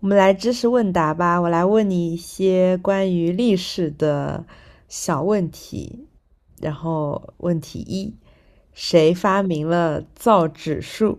我们来知识问答吧，我来问你一些关于历史的小问题。然后问题一，谁发明了造纸术？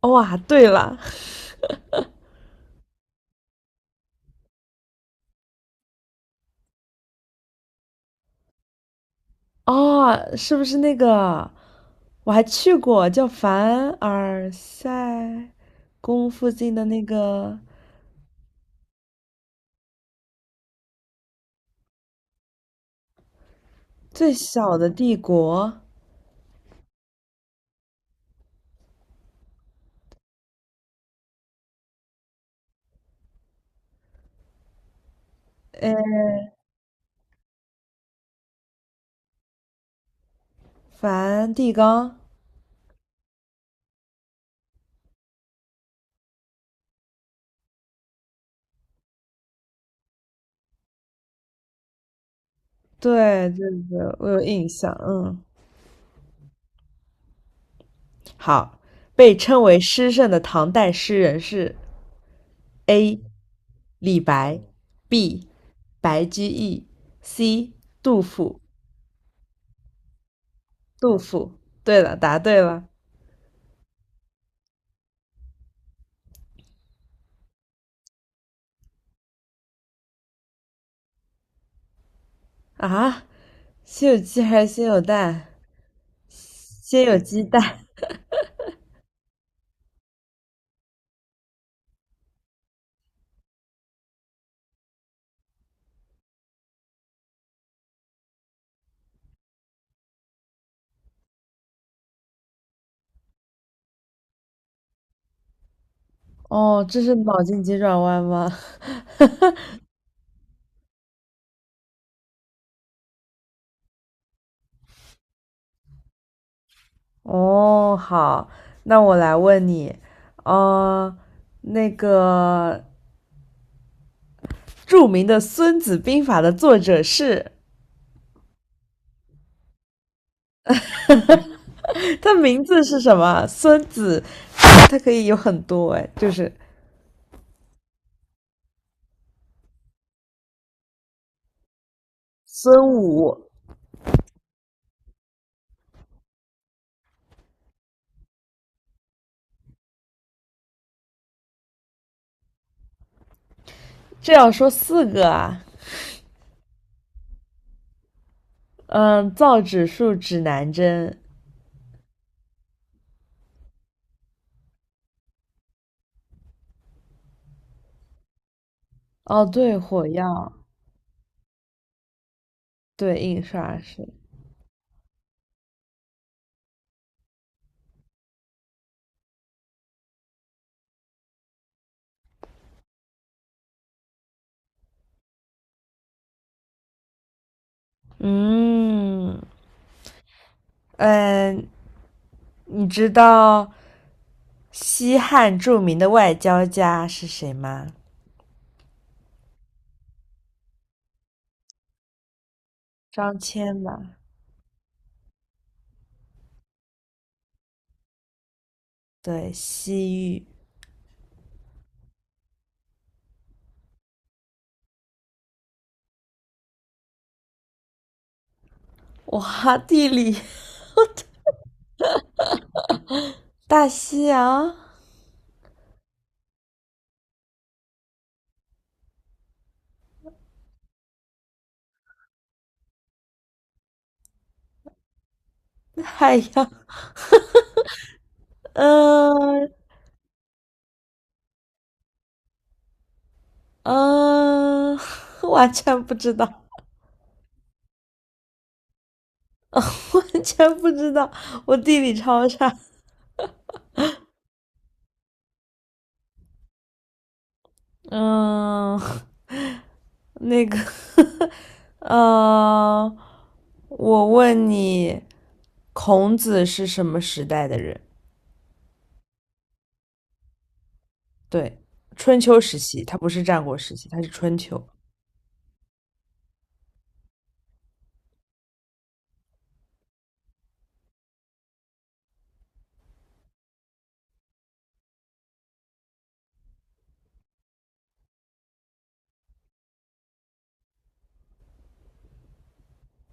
哦哇，对了，哦，是不是那个？我还去过叫凡尔赛宫附近的那个最小的帝国——梵蒂冈。对对对，我有印象，嗯。好，被称为诗圣的唐代诗人是 A. 李白，B. 白居易，C. 杜甫。杜甫，对了，答对了。啊！先有鸡还是先有蛋？先有鸡蛋。哦，这是脑筋急转弯吗？哦，好，那我来问你，呃，那个著名的《孙子兵法》的作者是？他名字是什么？孙子，他可以有很多哎，就是孙武，这要说四个啊。嗯，造纸术指南针，哦，对，火药，对，印刷术。嗯，嗯，你知道西汉著名的外交家是谁吗？张骞吧，对，西域。哇，地理，大西洋，海洋，嗯、嗯、呃 完全不知道，完全不知道，我地理超差。嗯、呃那个，嗯，我问你，孔子是什么时代的人？对，春秋时期，他不是战国时期，他是春秋。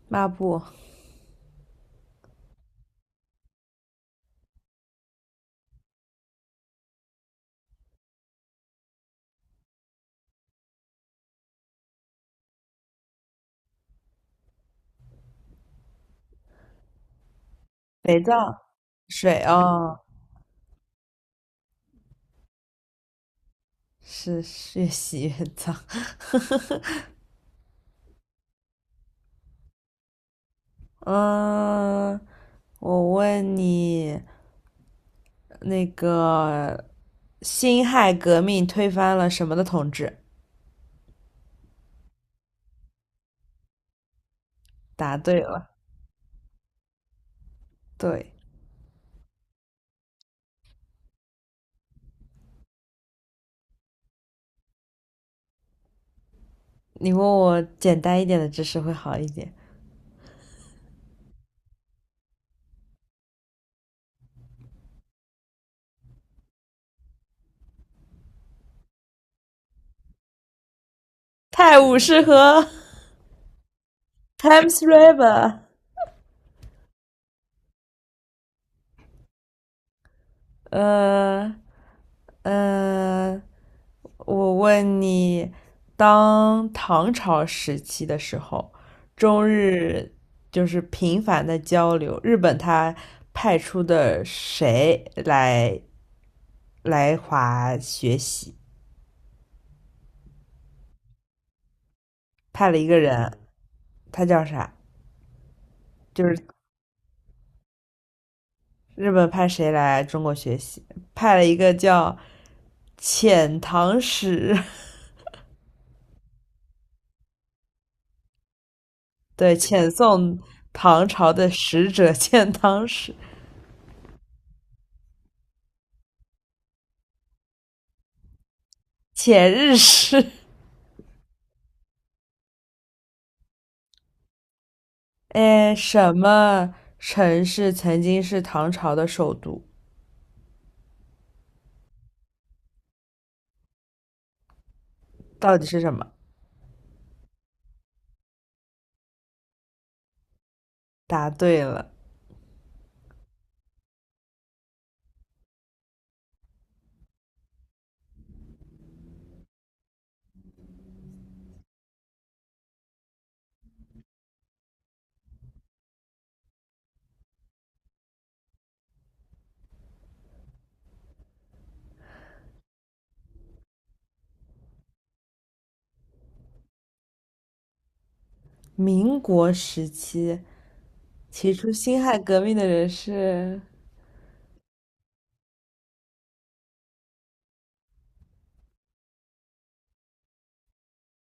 抹布，肥皂，水哦，是越洗越脏。嗯，我问你，那个辛亥革命推翻了什么的统治？答对了。对，你问我简单一点的知识会好一点。泰晤士河 （Thames River）。呃呃，我问你，当唐朝时期的时候，中日就是频繁的交流，日本他派出的谁来华学习？派了一个人，他叫啥？就是日本派谁来中国学习？派了一个叫遣唐使，对，遣送唐朝的使者，遣唐使、遣日使。哎，什么城市曾经是唐朝的首都？到底是什么？答对了。民国时期提出辛亥革命的人是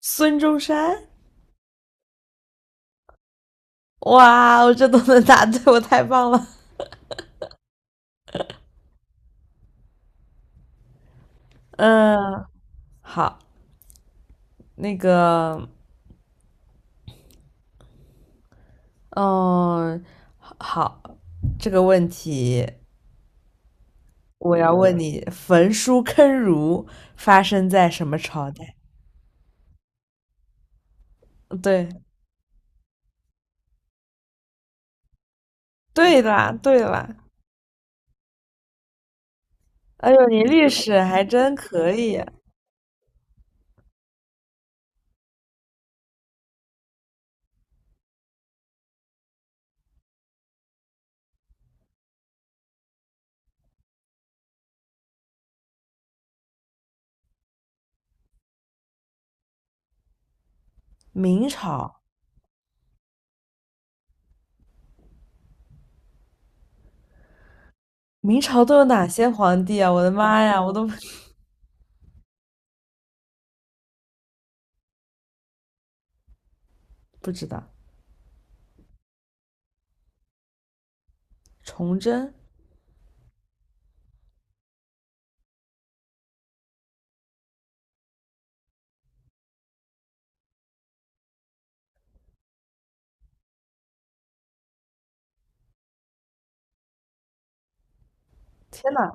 孙中山。哇，我这都能答对，我太棒了。嗯，好，那个嗯，好，这个问题我要问你：焚书坑儒发生在什么朝代？对，对啦，对啦。哎呦，你历史还真可以。明朝，明朝都有哪些皇帝啊？我的妈呀，我都不知道。崇祯，天呐，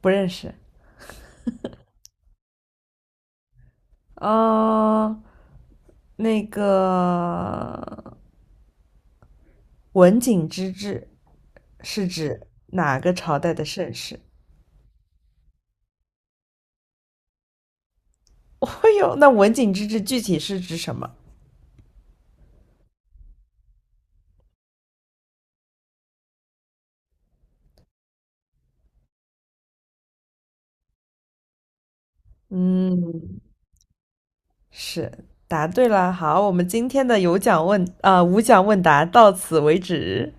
不认识。嗯，那个文景之治是指哪个朝代的盛世？哦呦，那文景之治具体是指什么？嗯，是，答对了。好，我们今天的有奖问，啊，呃无奖问答到此为止。